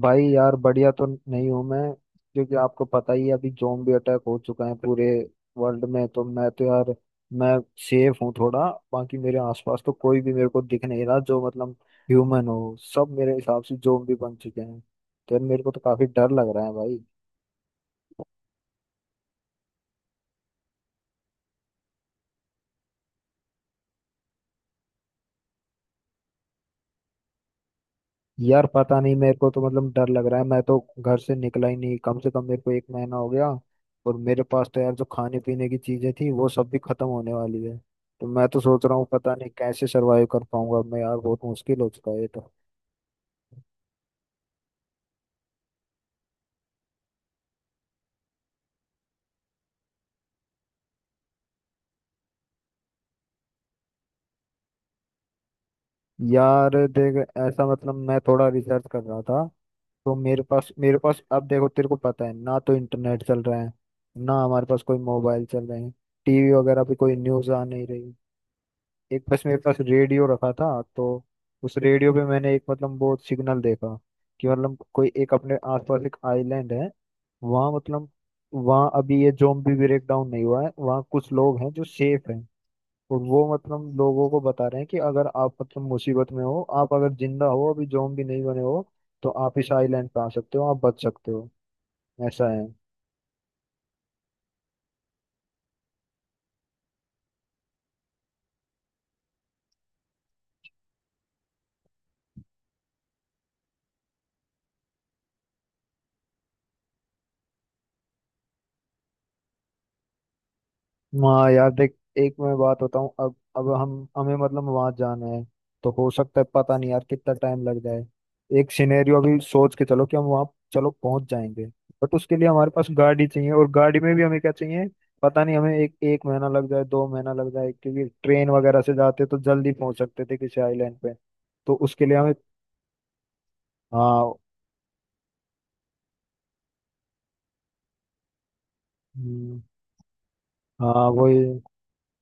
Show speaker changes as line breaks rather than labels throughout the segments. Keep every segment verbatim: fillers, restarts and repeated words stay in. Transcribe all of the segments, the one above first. भाई यार बढ़िया तो नहीं हूँ मैं। क्योंकि आपको पता ही है अभी जोम्बी अटैक हो चुका है पूरे वर्ल्ड में। तो मैं तो यार मैं सेफ हूँ थोड़ा। बाकी मेरे आसपास तो कोई भी मेरे को दिख नहीं रहा जो मतलब ह्यूमन हो, सब मेरे हिसाब से जोम्बी बन चुके हैं। तो यार मेरे को तो काफी डर लग रहा है भाई। यार पता नहीं मेरे को तो मतलब डर लग रहा है। मैं तो घर से निकला ही नहीं, कम से कम मेरे को एक महीना हो गया। और मेरे पास तो यार जो खाने पीने की चीजें थी वो सब भी खत्म होने वाली है। तो मैं तो सोच रहा हूँ पता नहीं कैसे सरवाइव कर पाऊंगा मैं। यार बहुत मुश्किल हो चुका है ये तो। यार देख, ऐसा मतलब मैं थोड़ा रिसर्च कर रहा था। तो मेरे पास मेरे पास अब देखो तेरे को पता है ना, तो इंटरनेट चल रहा है ना हमारे पास, कोई मोबाइल चल रहे हैं। टीवी वगैरह पे कोई न्यूज आ नहीं रही। एक बस मेरे पास रेडियो रखा था। तो उस रेडियो पे मैंने एक मतलब वो सिग्नल देखा कि मतलब कोई एक अपने आसपास एक आइलैंड है। वहाँ मतलब वहाँ अभी ये ज़ोंबी ब्रेकडाउन नहीं हुआ है, वहाँ कुछ लोग हैं जो सेफ हैं। और वो मतलब लोगों को बता रहे हैं कि अगर आप मतलब मुसीबत में हो, आप अगर जिंदा हो अभी, ज़ोंबी नहीं बने हो, तो आप इस आइलैंड पे आ सकते हो, आप बच सकते हो, ऐसा है। हाँ यार देख, एक मैं बात बताऊं। अब अब हम हमें मतलब वहां जाना है, तो हो सकता है पता नहीं यार कितना टाइम लग जाए। एक सिनेरियो भी सोच के चलो कि हम वहां चलो पहुंच जाएंगे। बट उसके लिए हमारे पास गाड़ी चाहिए, और गाड़ी में भी हमें क्या चाहिए। पता नहीं हमें एक एक महीना लग जाए, दो महीना लग जाए। क्योंकि ट्रेन वगैरह से जाते तो जल्दी पहुंच सकते थे किसी आइलैंड पे। तो उसके लिए हमें, हाँ। हम्म। हाँ वही।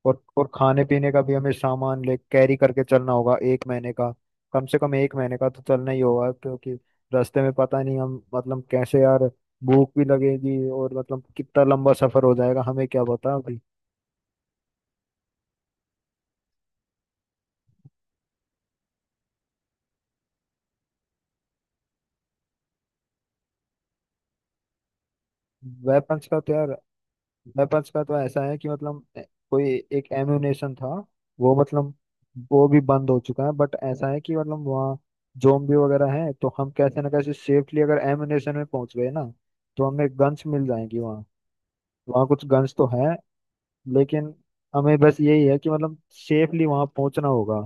और और खाने पीने का भी हमें सामान ले कैरी करके चलना होगा एक महीने का। कम से कम एक महीने का तो चलना ही होगा, क्योंकि रास्ते में पता नहीं हम मतलब कैसे यार भूख भी लगेगी। और मतलब कितना लंबा सफर हो जाएगा हमें क्या पता अभी। वेपन्स का तो यार, वेपन्स का तो ऐसा है कि मतलब ए- कोई एक एम्यूनेशन था। वो मतलब वो भी बंद हो चुका है। बट ऐसा है कि मतलब वहाँ जोम्बी वगैरह है, तो हम कैसे ना कैसे सेफली अगर एम्यूनेशन में पहुंच गए ना तो हमें गन्स मिल जाएंगी वहाँ। वहाँ कुछ गन्स तो हैं। लेकिन हमें बस यही है कि मतलब सेफली वहाँ पहुँचना होगा।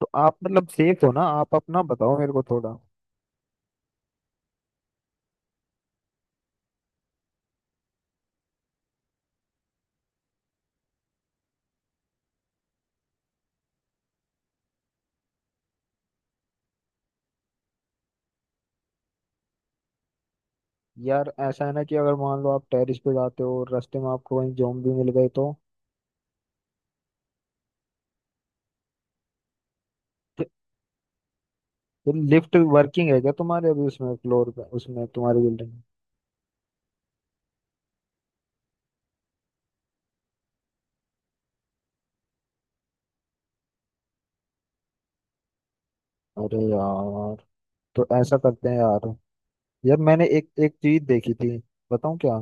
तो आप मतलब सेफ हो ना, आप अपना बताओ मेरे को थोड़ा। यार ऐसा है ना कि अगर मान लो आप टेरेस पे जाते हो और रास्ते में आपको कहीं ज़ॉम्बी मिल गए तो? तो लिफ्ट वर्किंग है क्या तुम्हारे अभी, उसमें फ्लोर पे, उसमें तुम्हारी बिल्डिंग में? अरे यार, तो ऐसा करते हैं यार। यार मैंने एक एक चीज देखी थी, बताऊँ क्या?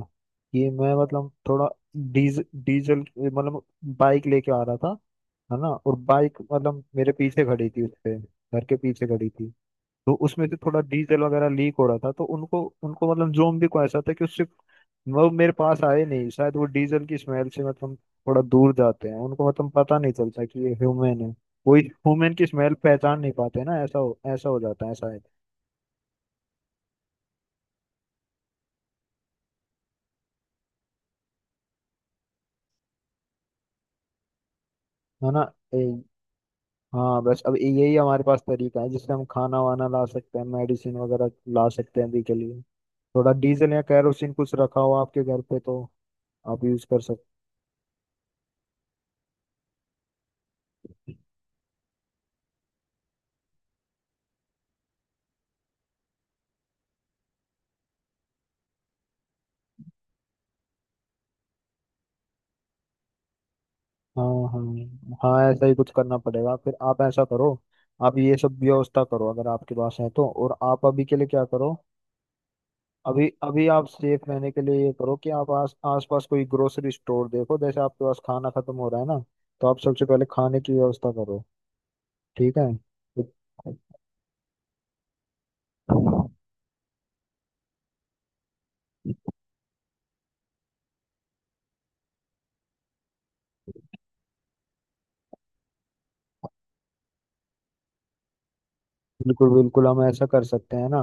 कि मैं मतलब थोड़ा डीज डीजल मतलब बाइक लेके आ रहा था, है ना। और बाइक मतलब मेरे पीछे खड़ी थी, उसपे घर के पीछे खड़ी थी। तो उसमें से थोड़ा डीजल वगैरह लीक हो रहा था। तो उनको उनको मतलब जोम्बी को ऐसा था कि उससे वो मेरे पास आए नहीं। शायद वो डीजल की स्मेल से मतलब थोड़ा दूर जाते हैं, उनको मतलब पता नहीं चलता कि ये ह्यूमन है। कोई ह्यूमन की स्मेल पहचान नहीं पाते ना, ऐसा हो ऐसा हो जाता है शायद, है ना। ए, हाँ बस अब यही हमारे पास तरीका है जिससे हम खाना वाना ला सकते हैं, मेडिसिन वगैरह ला सकते हैं अभी के लिए। थोड़ा डीजल या कैरोसिन कुछ रखा हो आपके घर पे तो आप यूज कर सकते। हाँ। हाँ हाँ ऐसा ही कुछ करना पड़ेगा। फिर आप ऐसा करो, आप ये सब व्यवस्था करो अगर आपके पास है तो। और आप अभी के लिए क्या करो, अभी अभी आप सेफ रहने के लिए ये करो कि आप आस आसपास कोई ग्रोसरी स्टोर देखो, जैसे आपके पास खाना खत्म हो रहा है ना, तो आप सबसे पहले खाने की व्यवस्था करो। ठीक है। बिल्कुल बिल्कुल, हम ऐसा कर सकते हैं ना।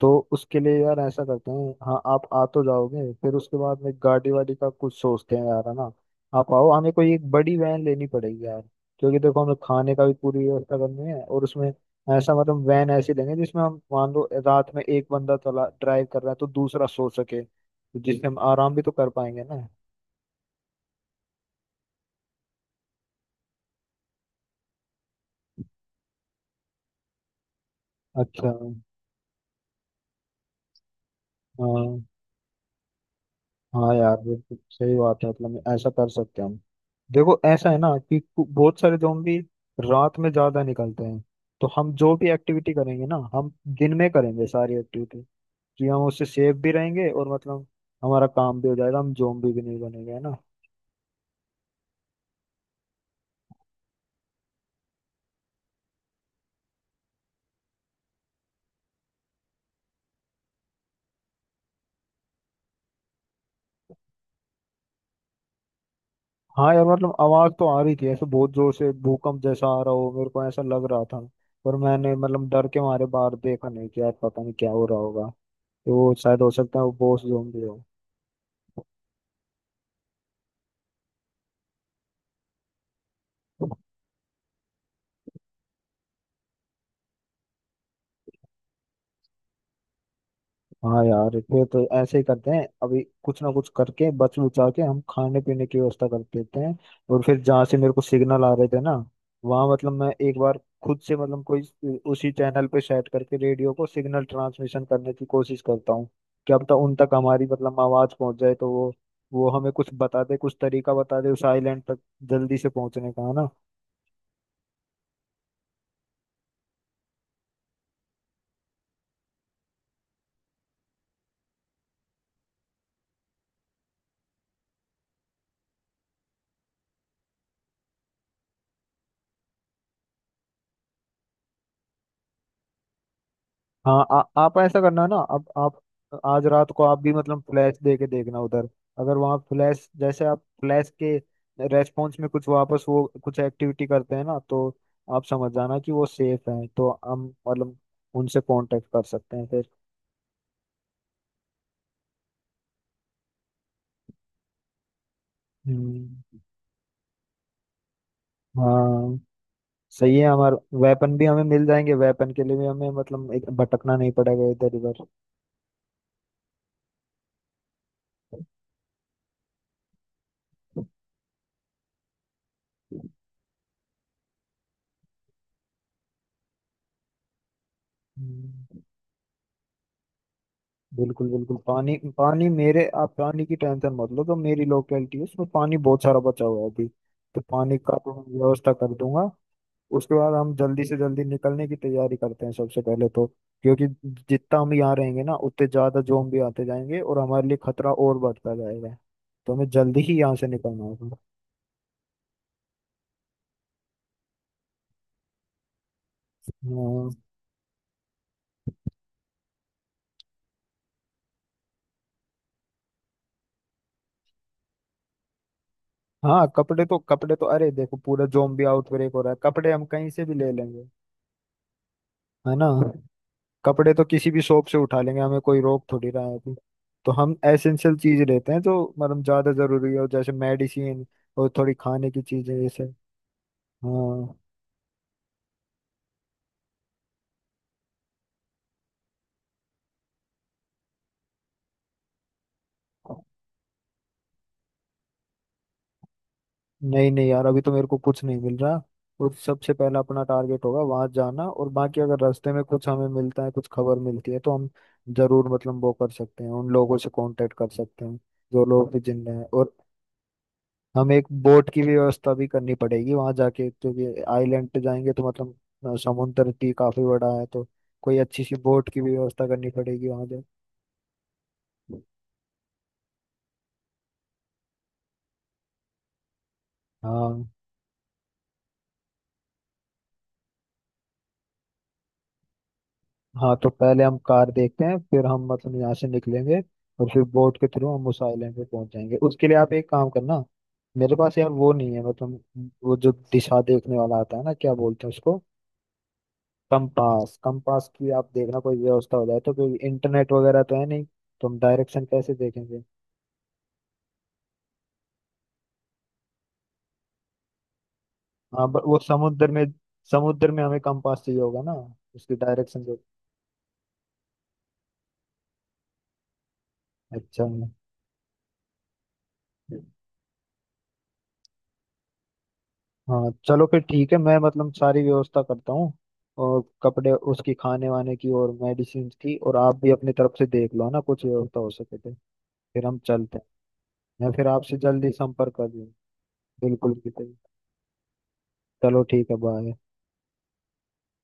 तो उसके लिए यार ऐसा करते हैं, हाँ आप आ तो जाओगे, फिर उसके बाद में गाड़ी वाड़ी का कुछ सोचते हैं यार, है ना। आप आओ, हमें कोई एक बड़ी वैन लेनी पड़ेगी यार। क्योंकि देखो हमें खाने का भी पूरी व्यवस्था करनी है, और उसमें ऐसा मतलब वैन ऐसी लेंगे जिसमें हम मान लो रात में एक बंदा चला ड्राइव कर रहा है तो दूसरा सो सके, तो जिससे हम आराम भी तो कर पाएंगे ना। अच्छा। हाँ हाँ यार बिल्कुल सही बात है, मतलब ऐसा कर सकते हैं हम। देखो ऐसा है ना कि कु- बहुत सारे जोम्बी रात में ज्यादा निकलते हैं। तो हम जो भी एक्टिविटी करेंगे ना हम दिन में करेंगे सारी एक्टिविटी। कि हम उससे सेफ भी रहेंगे और मतलब हमारा काम भी हो जाएगा, हम जोम्बी भी नहीं बनेंगे, है ना। हाँ यार, मतलब आवाज तो आ रही थी ऐसे, बहुत जोर से भूकंप जैसा आ रहा हो मेरे को ऐसा लग रहा था। पर मैंने मतलब डर के मारे बाहर देखा नहीं कि यार पता नहीं क्या हो रहा होगा। तो वो शायद हो सकता है वो बॉस जोम्बी हो। हाँ यार फिर तो ऐसे ही करते हैं, अभी कुछ ना कुछ करके बच उचा के हम खाने पीने की व्यवस्था कर देते हैं। और फिर जहाँ से मेरे को सिग्नल आ रहे थे ना वहाँ मतलब मैं एक बार खुद से मतलब कोई उसी चैनल पे सेट करके रेडियो को सिग्नल ट्रांसमिशन करने की कोशिश करता हूँ। क्या पता उन तक हमारी मतलब आवाज़ पहुँच जाए, तो वो वो हमें कुछ बता दे, कुछ तरीका बता दे उस आइलैंड तक जल्दी से पहुँचने का, है ना। हाँ, आ, आप ऐसा करना ना, अब आप आज रात को आप भी मतलब फ्लैश दे के देखना उधर। अगर वहाँ फ्लैश जैसे आप फ्लैश के रेस्पॉन्स में कुछ वापस वो कुछ एक्टिविटी करते हैं ना तो आप समझ जाना कि वो सेफ है, तो हम मतलब उनसे कांटेक्ट कर सकते हैं फिर। हम्म। हाँ। सही है, हमारे वेपन भी हमें मिल जाएंगे, वेपन के लिए भी हमें मतलब एक भटकना नहीं पड़ेगा इधर उधर। हम्म। बिल्कुल बिल्कुल, पानी पानी मेरे, आप पानी की टेंशन मत लो, तो मेरी लोकेलिटी है उसमें पानी बहुत सारा बचा हुआ है अभी। तो पानी का तो मैं व्यवस्था कर दूंगा। उसके बाद हम जल्दी से जल्दी निकलने की तैयारी करते हैं सबसे पहले तो। क्योंकि जितना हम यहाँ रहेंगे ना उतने ज्यादा जोम्बी आते जाएंगे, और हमारे लिए खतरा और बढ़ता जाएगा। तो हमें जल्दी ही यहाँ से निकलना होगा। हाँ। हाँ, कपड़े तो कपड़े तो अरे देखो पूरा जोम्बी आउटब्रेक हो रहा है, कपड़े हम कहीं से भी ले लेंगे, है ना। कपड़े तो किसी भी शॉप से उठा लेंगे, हमें कोई रोक थोड़ी रहा है अभी। तो हम एसेंशियल चीज लेते हैं जो मतलब ज्यादा जरूरी हो, जैसे मेडिसिन और थोड़ी खाने की चीजें जैसे। हाँ। नहीं नहीं यार, अभी तो मेरे को कुछ नहीं मिल रहा। और सबसे पहला अपना टारगेट होगा वहां जाना, और बाकी अगर रास्ते में कुछ हमें मिलता है, कुछ खबर मिलती है, तो हम जरूर मतलब वो कर सकते हैं, उन लोगों से कांटेक्ट कर सकते हैं जो लोग भी जिंदा हैं। और हमें एक बोट की भी व्यवस्था भी करनी पड़ेगी वहां जाके, क्योंकि आइलैंड पे जाएंगे तो मतलब अ, समुंदर भी काफी बड़ा है, तो कोई अच्छी सी बोट की भी व्यवस्था करनी पड़ेगी वहां पे। हाँ। हाँ तो पहले हम कार देखते हैं, फिर हम मतलब यहाँ से निकलेंगे, और फिर बोट के थ्रू हम उस आइलैंड पे पहुंच जाएंगे। उसके लिए आप एक काम करना, मेरे पास यार वो नहीं है मतलब वो जो दिशा देखने वाला आता है ना, क्या बोलते हैं उसको। कंपास, कंपास की आप देखना कोई व्यवस्था हो जाए, तो कोई इंटरनेट वगैरह तो है नहीं, तो हम डायरेक्शन कैसे देखेंगे। हाँ ब- वो समुद्र में समुद्र में हमें कंपास चाहिए होगा ना, उसकी डायरेक्शन को। अच्छा। हाँ चलो फिर ठीक है, मैं मतलब सारी व्यवस्था करता हूँ, और कपड़े उसकी खाने वाने की और मेडिसिन की। और आप भी अपनी तरफ से देख लो ना, कुछ व्यवस्था हो सके तो, फिर हम चलते हैं। मैं फिर आपसे जल्दी संपर्क कर लूँ। बिल्कुल बिल्कुल। चलो ठीक है, बाय।